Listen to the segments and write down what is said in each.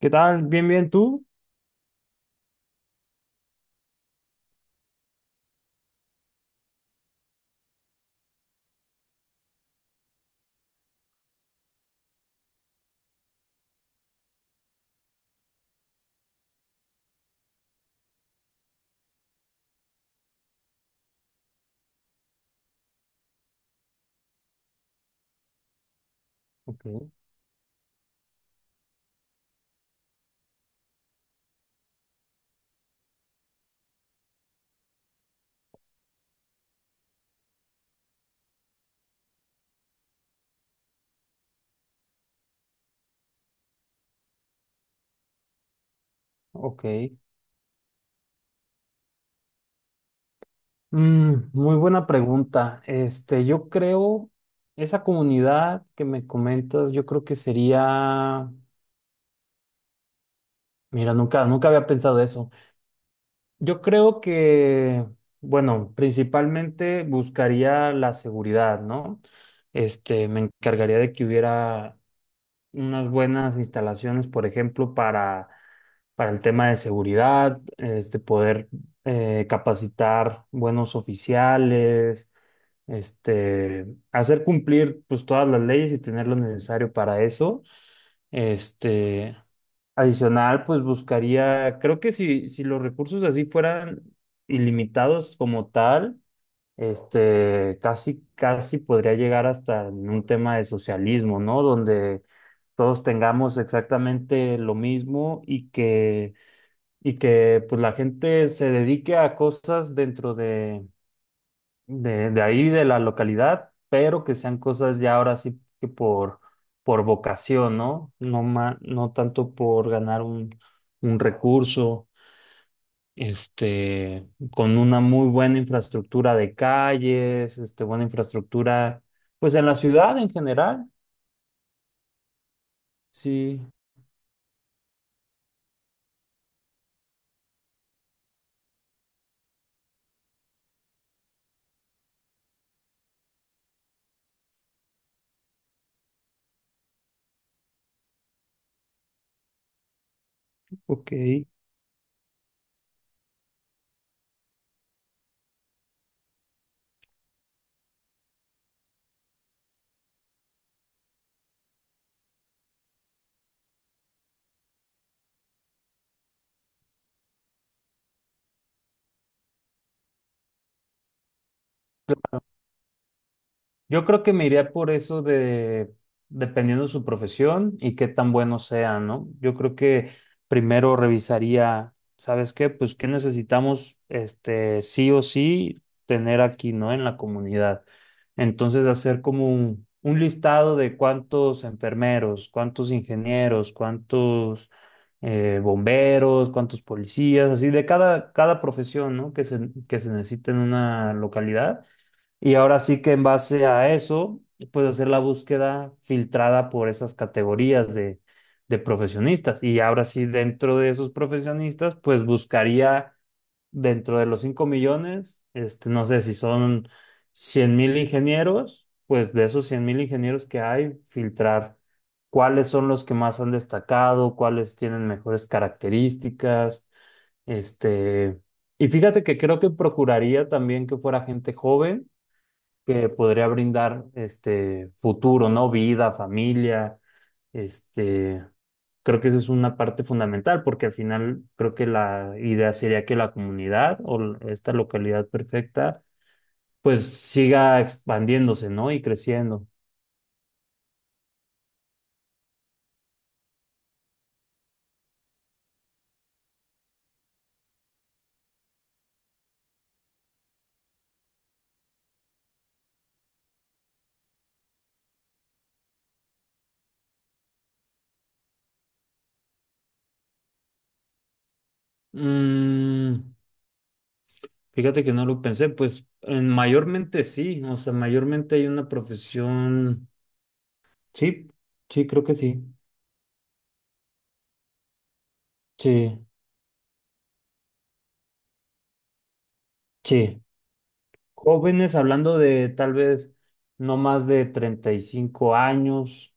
¿Qué tal? ¿Bien, tú? Ok. Ok. Muy buena pregunta. Yo creo, esa comunidad que me comentas, yo creo que sería, mira, nunca había pensado eso. Yo creo que, bueno, principalmente buscaría la seguridad, ¿no? Me encargaría de que hubiera unas buenas instalaciones, por ejemplo, para el tema de seguridad, este, poder capacitar buenos oficiales, este, hacer cumplir pues todas las leyes y tener lo necesario para eso. Este, adicional, pues buscaría, creo que si los recursos así fueran ilimitados como tal, este, casi podría llegar hasta en un tema de socialismo, ¿no? Donde todos tengamos exactamente lo mismo y que pues, la gente se dedique a cosas de ahí, de la localidad, pero que sean cosas ya ahora sí que por vocación, ¿no? No tanto por ganar un recurso este, con una muy buena infraestructura de calles, este, buena infraestructura, pues en la ciudad en general. Sí, ok. Yo creo que me iría por eso de, dependiendo de su profesión y qué tan bueno sea, ¿no? Yo creo que primero revisaría, ¿sabes qué? Pues qué necesitamos, este, sí o sí, tener aquí, ¿no? En la comunidad. Entonces, hacer como un listado de cuántos enfermeros, cuántos ingenieros, cuántos bomberos, cuántos policías, así de cada profesión, ¿no? Que se necesita en una localidad y ahora sí que en base a eso, puedes hacer la búsqueda filtrada por esas categorías de profesionistas. Y ahora sí, dentro de esos profesionistas, pues buscaría dentro de los 5 millones, este, no sé si son 100 mil ingenieros, pues de esos 100 mil ingenieros que hay, filtrar cuáles son los que más han destacado, cuáles tienen mejores características, este, y fíjate que creo que procuraría también que fuera gente joven que podría brindar este futuro, ¿no? Vida, familia, este, creo que esa es una parte fundamental porque al final creo que la idea sería que la comunidad esta localidad perfecta pues siga expandiéndose, ¿no? Y creciendo. Mm, Fíjate que no lo pensé, pues en mayormente sí, o sea, mayormente hay una profesión, sí, sí, creo que sí, sí, sí. Jóvenes, hablando de tal vez no más de 35 años,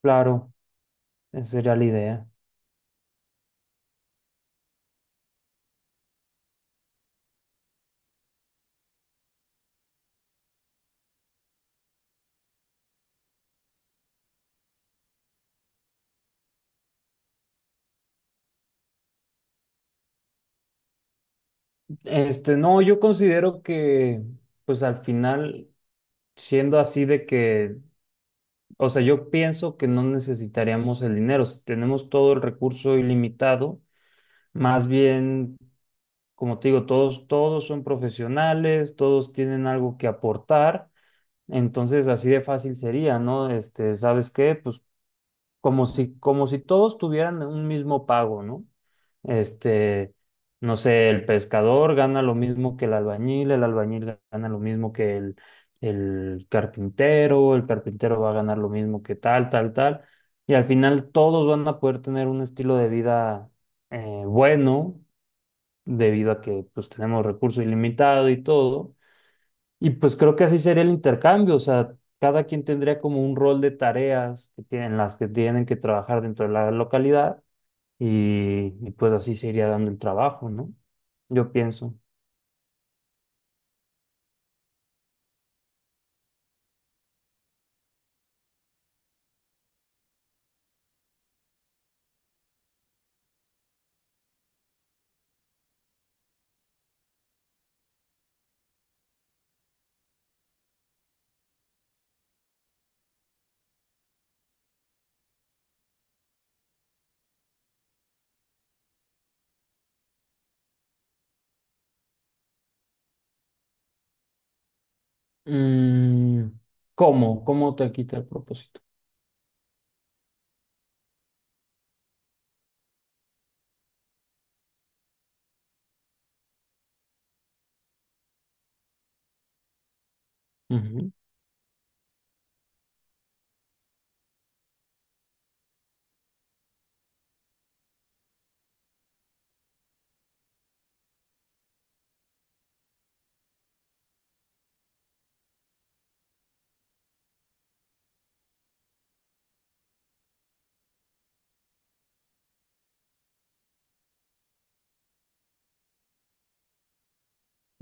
claro, esa sería la idea. Este, no, yo considero que, pues al final, siendo así de que, o sea, yo pienso que no necesitaríamos el dinero, si tenemos todo el recurso ilimitado, más bien, como te digo, todos son profesionales, todos tienen algo que aportar, entonces así de fácil sería, ¿no? Este, ¿sabes qué? Pues como si todos tuvieran un mismo pago, ¿no? Este, no sé, el pescador gana lo mismo que el albañil gana lo mismo que el carpintero va a ganar lo mismo que tal, tal, tal, y al final todos van a poder tener un estilo de vida bueno, debido a que pues tenemos recurso ilimitado y todo y pues creo que así sería el intercambio, o sea, cada quien tendría como un rol de tareas que tienen, las que tienen que trabajar dentro de la localidad y pues así se iría dando el trabajo, ¿no? Yo pienso. Mm, ¿Cómo? ¿Cómo te quita el propósito? Ujú.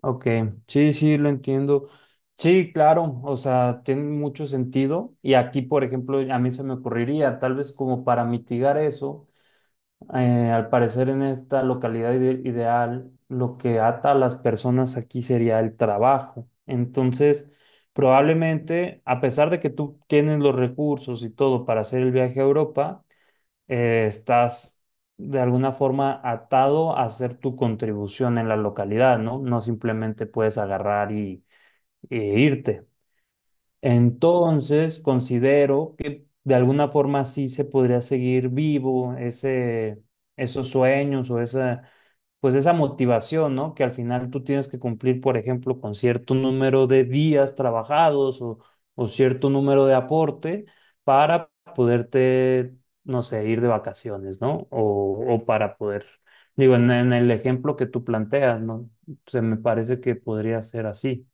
Ok, sí, sí, lo entiendo. Sí, claro, o sea, tiene mucho sentido. Y aquí, por ejemplo, a mí se me ocurriría, tal vez como para mitigar eso, eh, al parecer en esta ideal, lo que ata a las personas aquí sería el trabajo. Entonces, probablemente, a pesar de que tú tienes los recursos y todo para hacer el viaje a Europa, estás de alguna forma atado a hacer tu contribución en la localidad, ¿no? No simplemente puedes agarrar e irte. Entonces, considero que de alguna forma sí se podría seguir vivo esos sueños pues esa motivación, ¿no? Que al final tú tienes que cumplir, por ejemplo, con cierto número de días trabajados o cierto número de aporte para poderte, no sé, ir de vacaciones, ¿no? O para poder, digo, en el ejemplo que tú planteas, ¿no? Se me parece que podría ser así.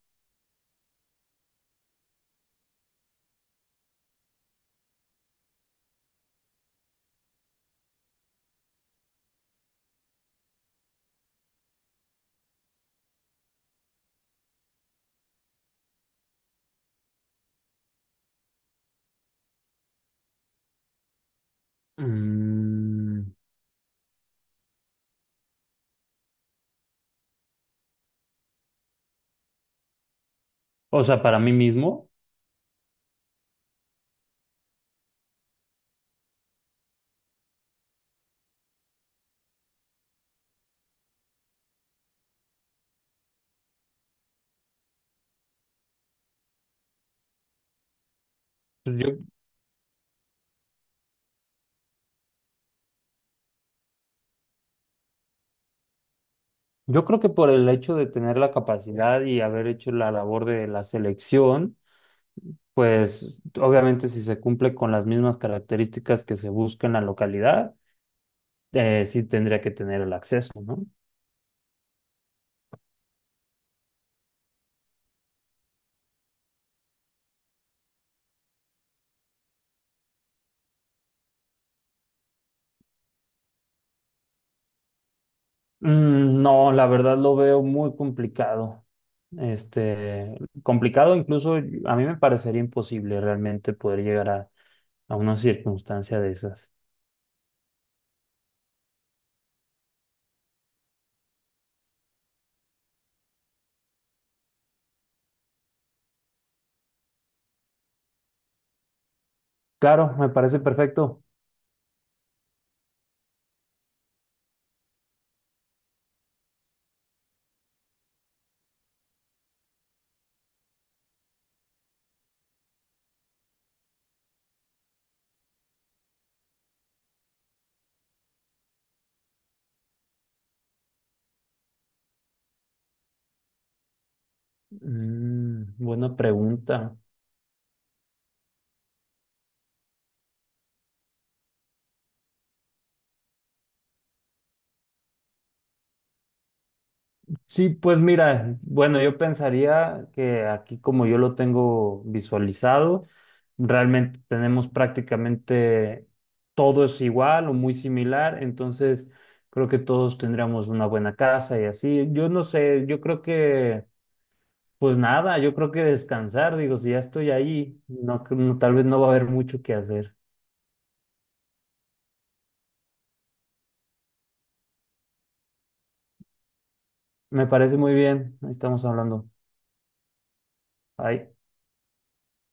Mm. O sea, para mí mismo, pues yo creo que por el hecho de tener la capacidad y haber hecho la labor de la selección, pues obviamente si se cumple con las mismas características que se busca en la localidad, sí tendría que tener el acceso, ¿no? Mm, no, la verdad lo veo muy complicado. Este, complicado incluso, a mí me parecería imposible realmente poder llegar a una circunstancia de esas. Claro, me parece perfecto. Mm, buena pregunta. Sí, pues mira, bueno, yo pensaría que aquí como yo lo tengo visualizado, realmente tenemos prácticamente todo es igual o muy similar, entonces creo que todos tendríamos una buena casa y así. Yo no sé, yo creo que, pues nada, yo creo que descansar, digo, si ya estoy ahí, no, no, tal vez no va a haber mucho que hacer. Me parece muy bien, ahí estamos hablando. Bye.